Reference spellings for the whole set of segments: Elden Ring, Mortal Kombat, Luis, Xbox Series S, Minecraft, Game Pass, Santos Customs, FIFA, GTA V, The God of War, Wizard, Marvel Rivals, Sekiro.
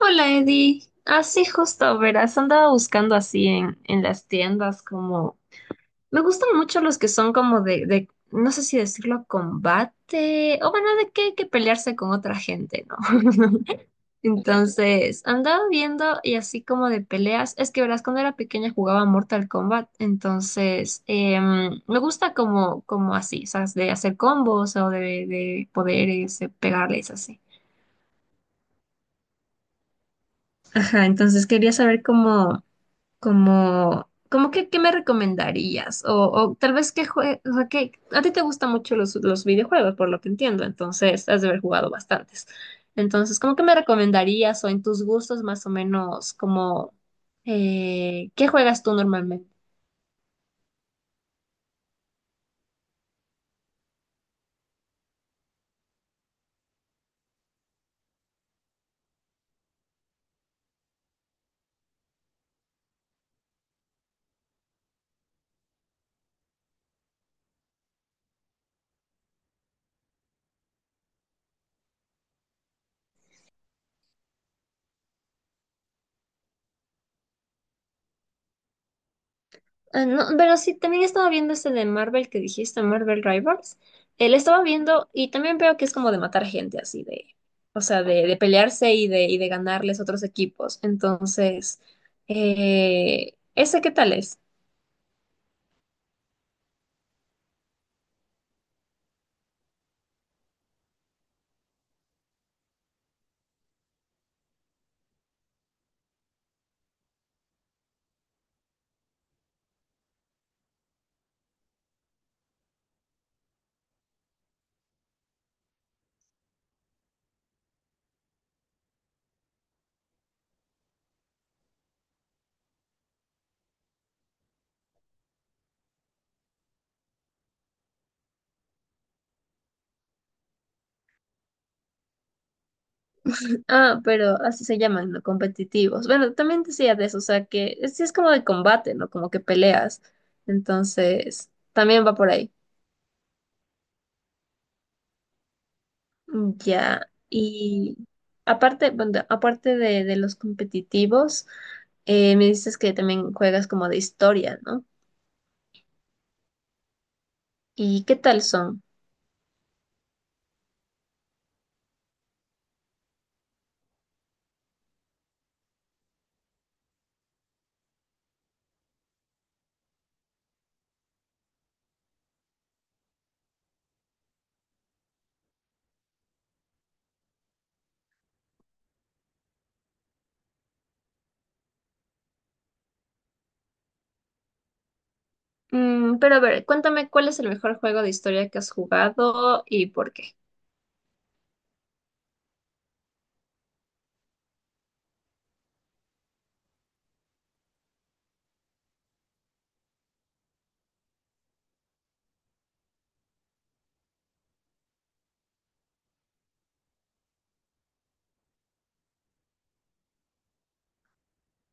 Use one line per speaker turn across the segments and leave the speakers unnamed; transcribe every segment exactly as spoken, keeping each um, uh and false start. Hola Eddie, así justo, verás, andaba buscando así en, en las tiendas como... Me gustan mucho los que son como de, de, no sé si decirlo, combate, o bueno, de que hay que pelearse con otra gente, ¿no? Entonces, andaba viendo y así como de peleas, es que verás, cuando era pequeña jugaba Mortal Kombat, entonces em, me gusta como, como así, o sea, de hacer combos o de, de poderes, de pegarles así. Ajá, entonces quería saber cómo... Como, como que, ¿qué me recomendarías? O, o tal vez que jue- o sea, que a ti te gustan mucho los, los videojuegos, por lo que entiendo, entonces has de haber jugado bastantes. Entonces, ¿cómo que me recomendarías o en tus gustos más o menos como eh, qué juegas tú normalmente? Ah, no, pero sí, también estaba viendo este de Marvel que dijiste, Marvel Rivals. Él estaba viendo y también veo que es como de matar gente así de, o sea, de, de pelearse y de, y de ganarles otros equipos. Entonces, eh, ¿ese qué tal es? Ah, pero así se llaman, ¿no? Competitivos. Bueno, también decía de eso, o sea, que sí es como de combate, ¿no? Como que peleas. Entonces, también va por ahí. Ya, y aparte, bueno, aparte de, de los competitivos, eh, me dices que también juegas como de historia, ¿no? ¿Y qué tal son? Mm, pero a ver, cuéntame cuál es el mejor juego de historia que has jugado y por qué.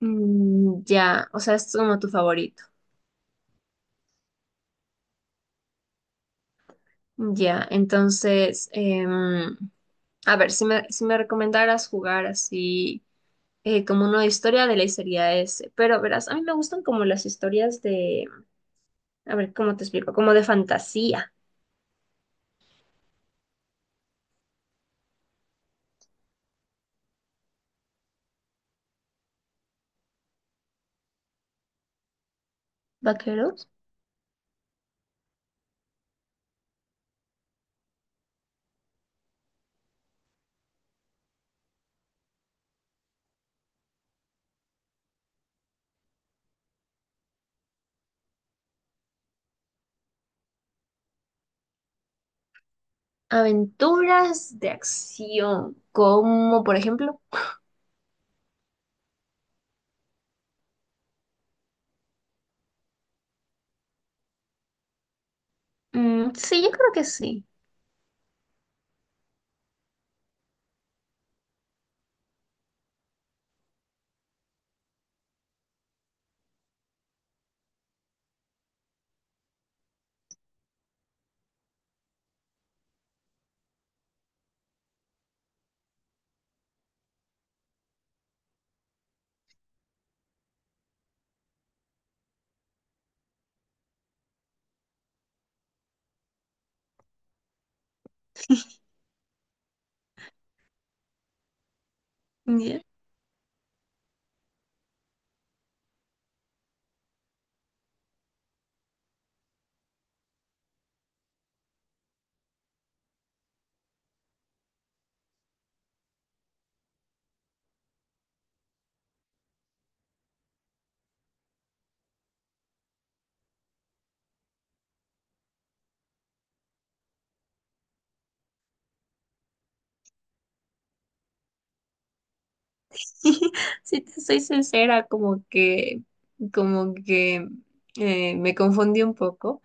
Mm, ya, o sea, es como tu favorito. Ya, entonces, em, a ver, si me, si me recomendaras jugar así eh, como una historia de ley sería ese, pero verás, a mí me gustan como las historias de. A ver, ¿cómo te explico? Como de fantasía. Vaqueros. Aventuras de acción. Como, por ejemplo. Mm, sí, yo creo que sí. Ya. Si te soy sincera, como que, como que eh, me confundí un poco.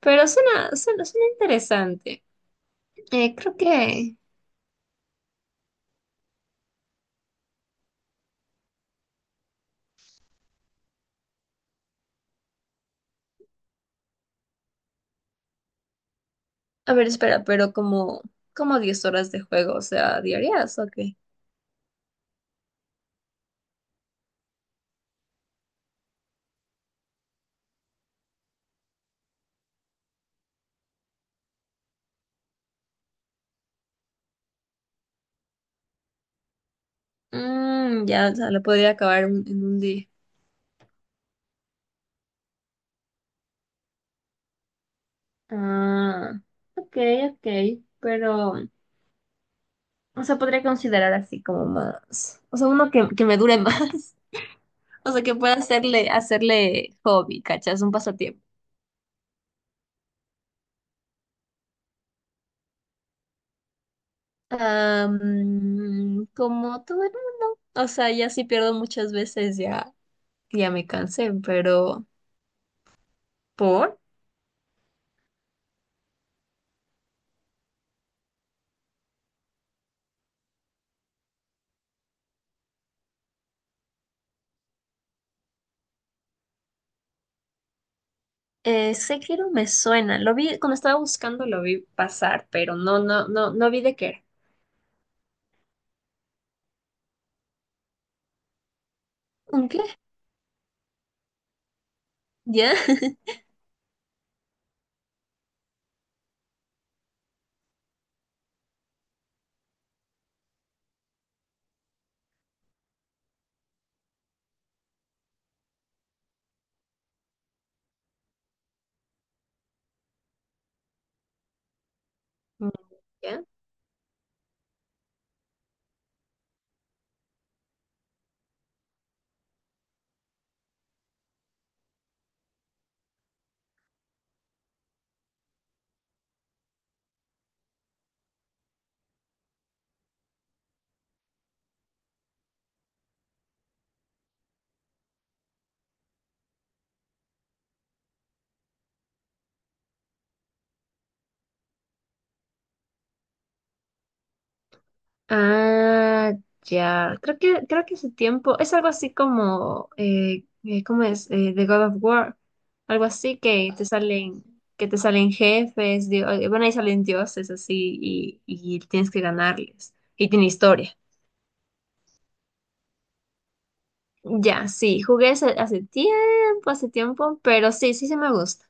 Pero suena, suena, suena interesante. Eh, creo que. A ver, espera, pero como, como diez horas de juego, o sea, diarias, ok. Mm, ya, o sea, lo podría acabar en en un día. Ah, ok, ok, pero, o sea, podría considerar así como más, o sea, uno que, que me dure más, o sea, que pueda hacerle, hacerle hobby, ¿cachas? Un pasatiempo. Ah, mm, como todo, o sea, ya sí pierdo muchas veces, ya, ya me cansé, pero, ¿por? Eh, Sekiro me suena, lo vi, cuando estaba buscando lo vi pasar, pero no, no, no, no vi de qué era. ¿Un qué? ¿Ya? Mm, ¿ya? Ah, ya. Creo que, creo que ese tiempo es algo así como, eh, eh, ¿cómo es? Eh, The God of War. Algo así que te salen, que te salen jefes, dio- eh, bueno, ahí salen dioses así y, y tienes que ganarles. Y tiene historia. Ya, sí, jugué hace hace tiempo, hace tiempo, pero sí, sí se me gusta.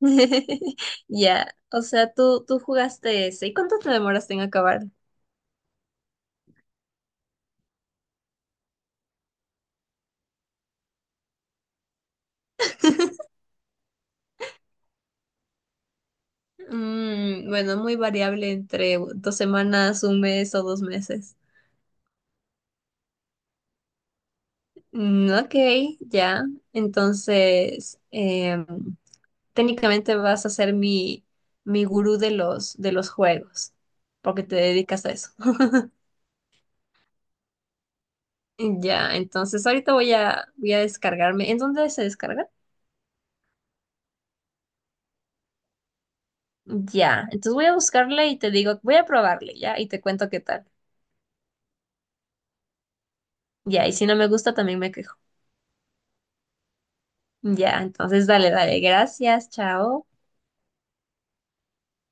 Ya, o sea, tú, tú jugaste ese. ¿Y cuánto te demoraste en acabar? Mm, bueno, muy variable entre dos semanas, un mes o dos meses. Mm, ok, ya. Entonces, em, técnicamente vas a ser mi, mi gurú de los, de los juegos, porque te dedicas a eso. Ya, entonces ahorita voy a, voy a descargarme. ¿En dónde se descarga? Ya, entonces voy a buscarle y te digo, voy a probarle, ya, y te cuento qué tal. Ya, y si no me gusta, también me quejo. Ya, entonces dale, dale, gracias, chao.